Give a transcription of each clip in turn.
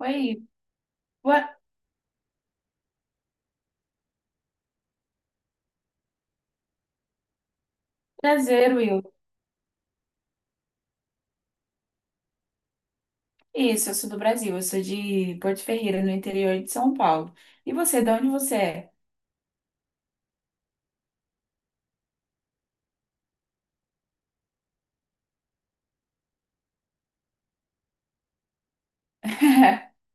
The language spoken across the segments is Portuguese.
Oi, Boa- prazer, Will. Isso, eu sou do Brasil, eu sou de Porto Ferreira, no interior de São Paulo. E você, de onde você é?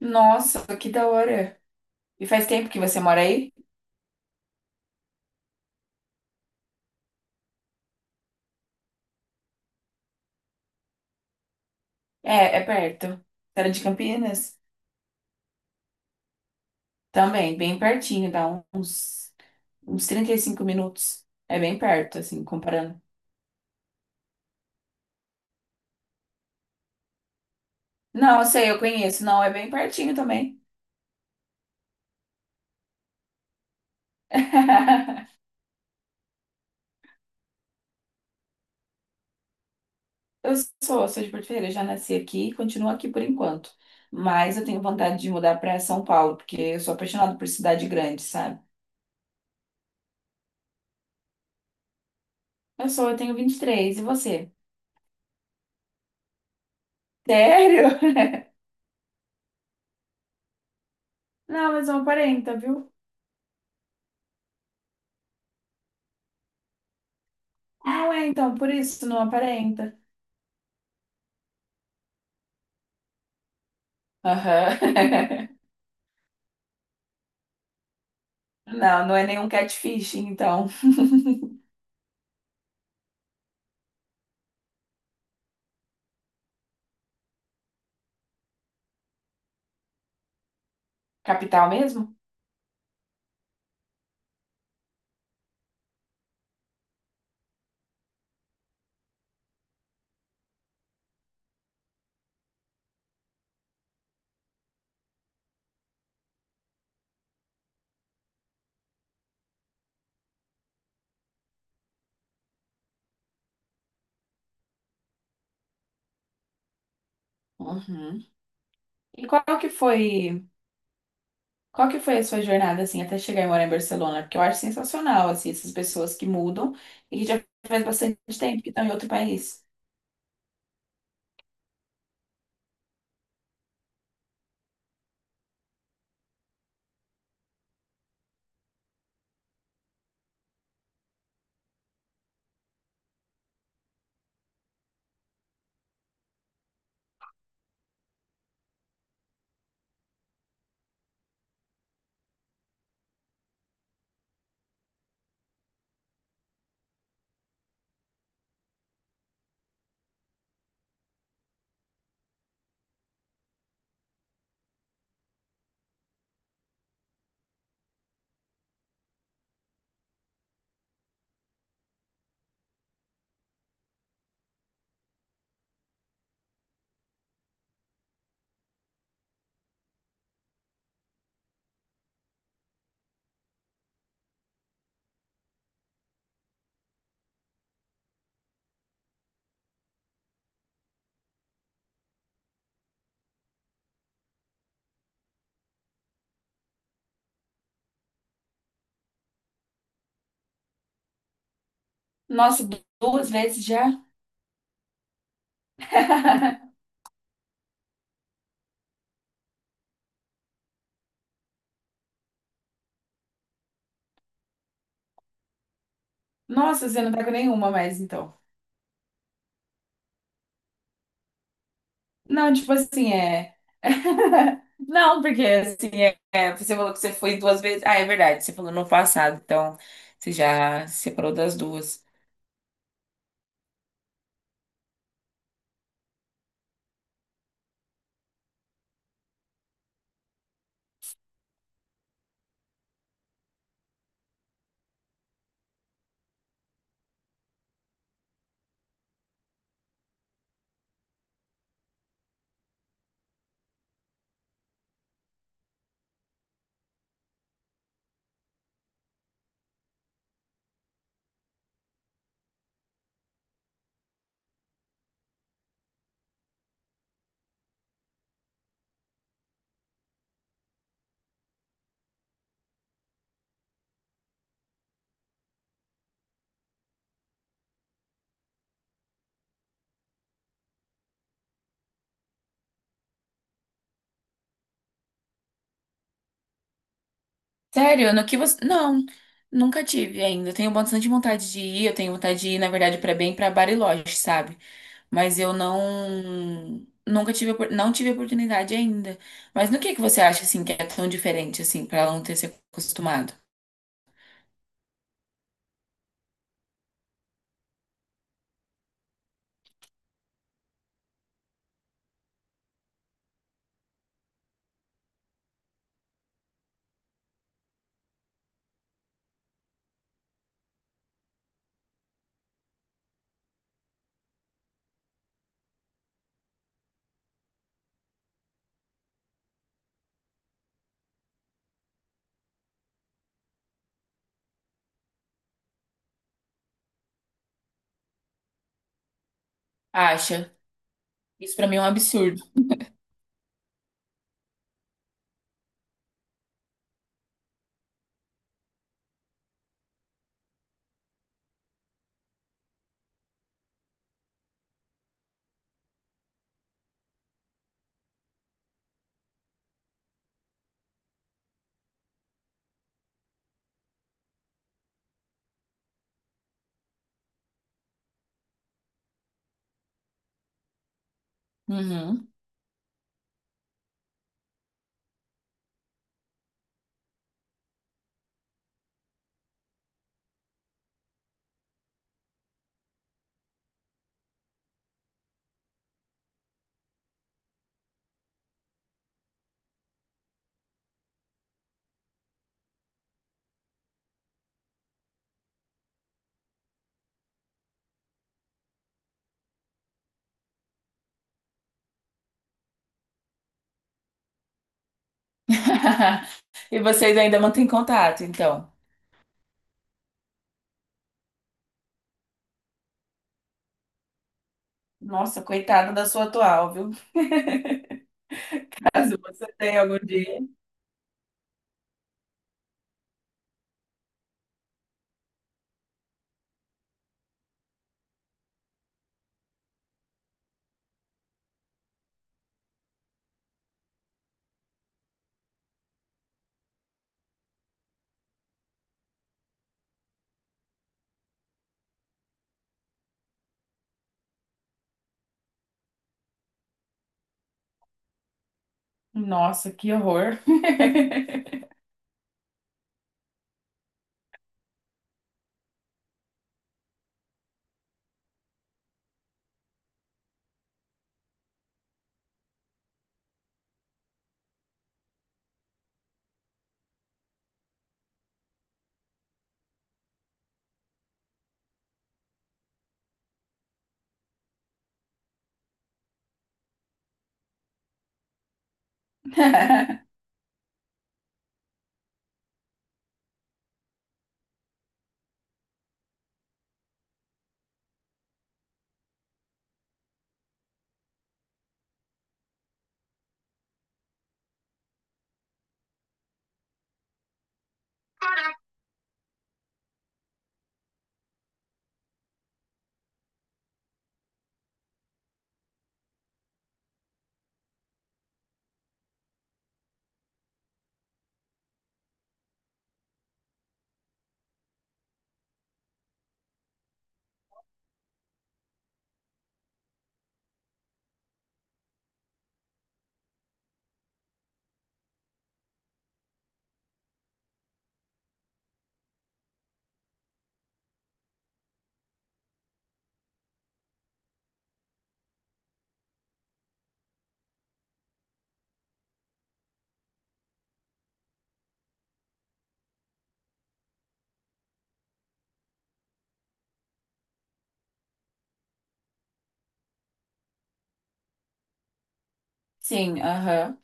Nossa, que da hora. E faz tempo que você mora aí? É, é perto. Você era de Campinas? Também, bem pertinho, dá uns 35 minutos. É bem perto, assim, comparando. Não, eu sei, eu conheço. Não, é bem pertinho também. Eu sou de Porto Ferreira, já nasci aqui e continuo aqui por enquanto. Mas eu tenho vontade de mudar para São Paulo, porque eu sou apaixonada por cidade grande, sabe? Eu tenho 23, e três, e você? Sério? Não, mas não aparenta, viu? Não é então, por isso não aparenta. Aham. Não, não é nenhum catfishing, então. Capital mesmo? Uhum. E qual que foi? Qual que foi a sua jornada, assim, até chegar e morar em Barcelona? Porque eu acho sensacional, assim, essas pessoas que mudam e que já faz bastante tempo que estão em outro país. Nossa, duas vezes já? Nossa, você não tá com nenhuma mais, então. Não, tipo assim, é... Não, porque, assim, é... é, você falou que você foi duas vezes. Ah, é verdade, você falou no passado, então você já se separou das duas. Sério? No que você. Não, nunca tive ainda. Eu Tenho bastante vontade de ir. Eu tenho vontade de ir, na verdade, pra bem pra Bariloche, sabe? Mas eu não. Nunca tive, não tive oportunidade ainda. Mas no que você acha, assim, que é tão diferente, assim, pra ela não ter se acostumado? Acha? Isso pra mim é um absurdo. Uhum. E vocês ainda mantêm contato, então? Nossa, coitada da sua atual, viu? Caso você tenha algum dia. Nossa, que horror. Sim, aham.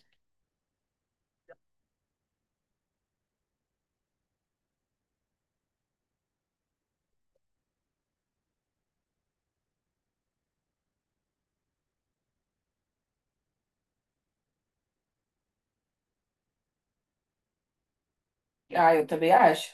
Ah, eu também acho.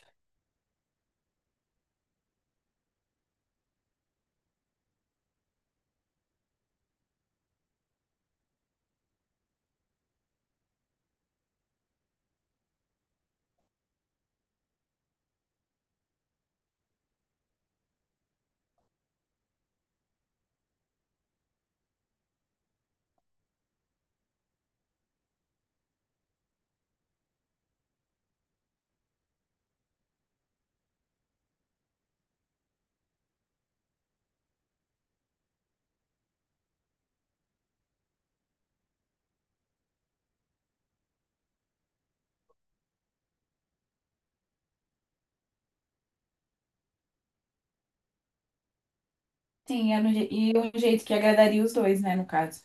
Sim, era um um jeito que agradaria os dois, né, no caso.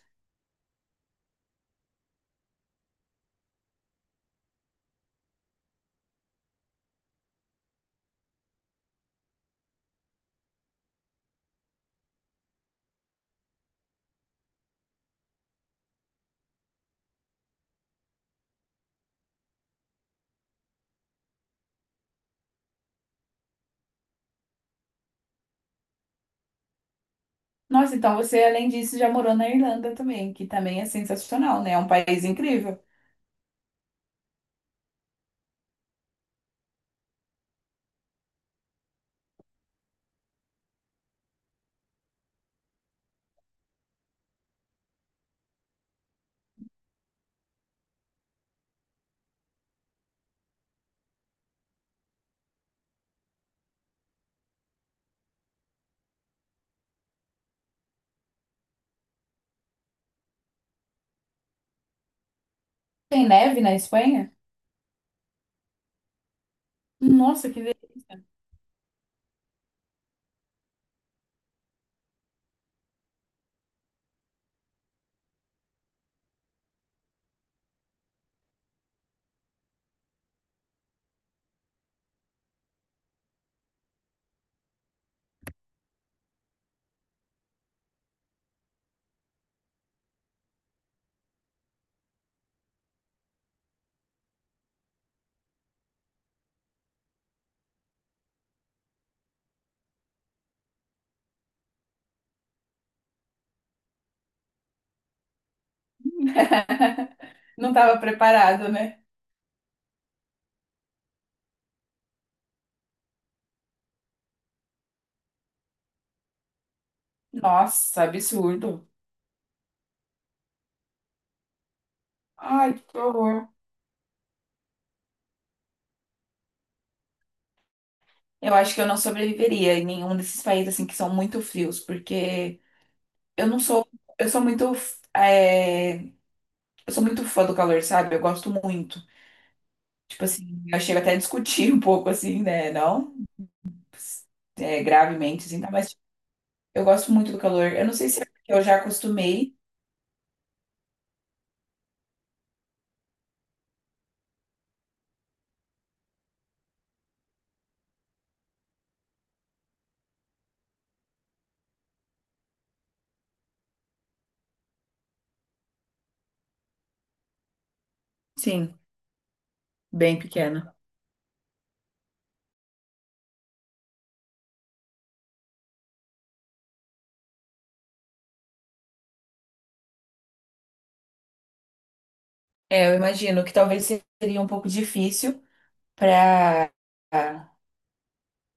Nossa, então você, além disso, já morou na Irlanda também, que também é sensacional, né? É um país incrível. Tem neve na Espanha? Nossa, que delícia. Não estava preparado, né? Nossa, absurdo. Ai, que horror. Eu acho que eu não sobreviveria em nenhum desses países assim que são muito frios, porque eu não sou, eu sou muito, é, eu sou muito fã do calor, sabe? Eu gosto muito. Tipo assim, eu chego até a discutir um pouco assim, né? Não é, gravemente, assim, tá? Mas tipo, eu gosto muito do calor. Eu não sei se é porque eu já acostumei. Sim, bem pequena. É, eu imagino que talvez seria um pouco difícil para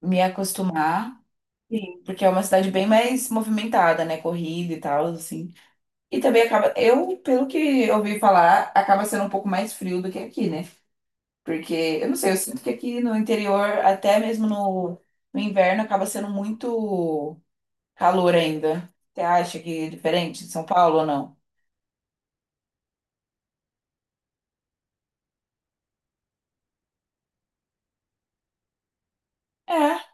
me acostumar. Sim. Porque é uma cidade bem mais movimentada, né? Corrida e tal, assim. E também acaba, eu, pelo que eu ouvi falar, acaba sendo um pouco mais frio do que aqui, né? Porque, eu não sei, eu sinto que aqui no interior, até mesmo no inverno, acaba sendo muito calor ainda. Você acha que é diferente de São Paulo ou não?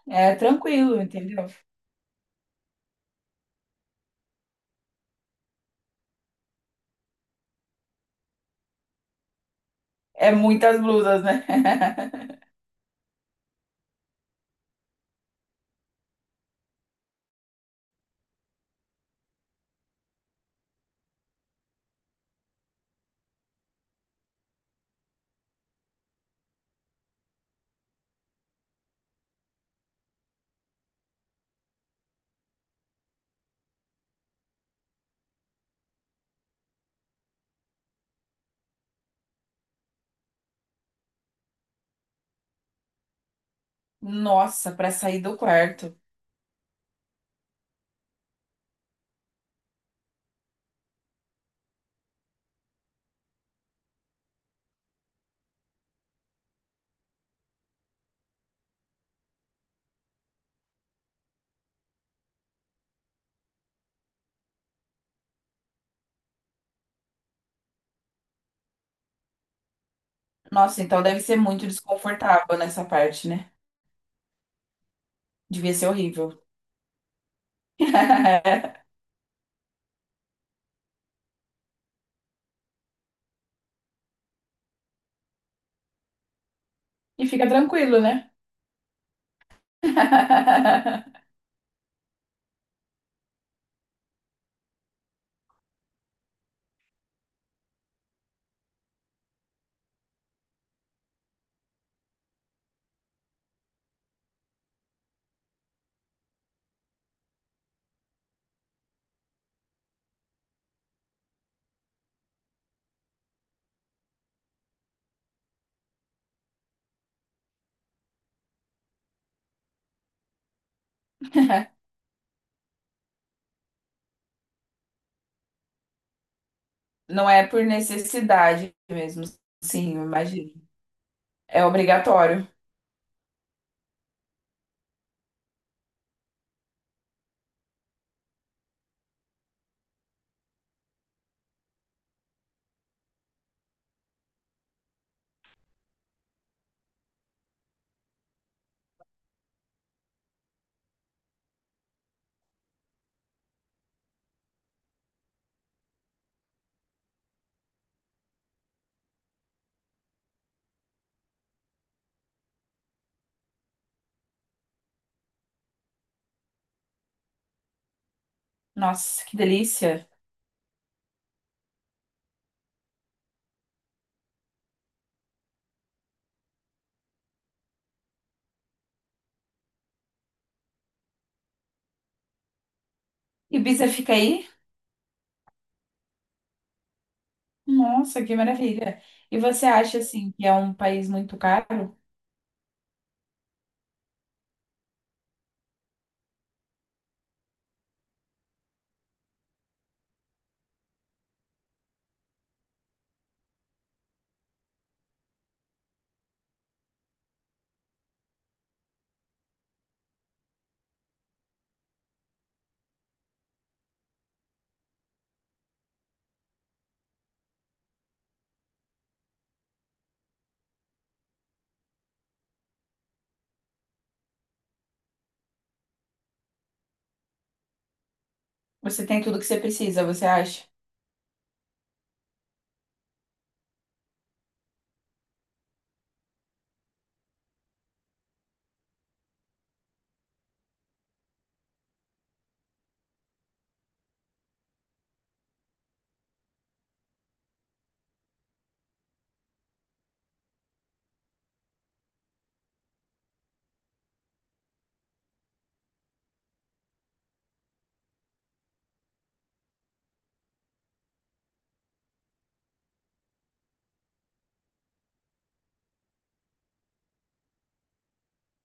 É, é tranquilo, entendeu? É muitas blusas, né? Nossa, para sair do quarto. Nossa, então deve ser muito desconfortável nessa parte, né? Devia ser horrível. E fica tranquilo, né? Não é por necessidade mesmo, sim, eu imagino. É obrigatório. Nossa, que delícia. Ibiza fica aí? Nossa, que maravilha. E você acha, assim, que é um país muito caro? Você tem tudo que você precisa, você acha?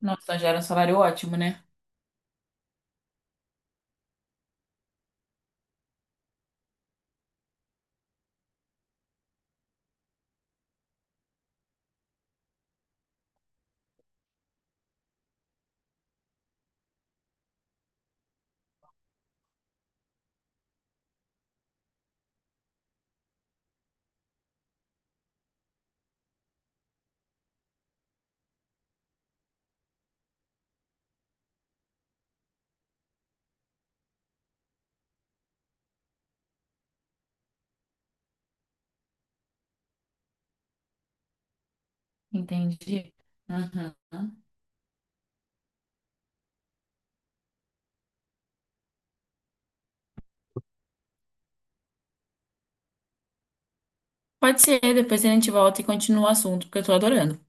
Nossa, então gera um salário ótimo, né? Entendi. Uhum. Pode ser, depois a gente volta e continua o assunto, porque eu tô adorando.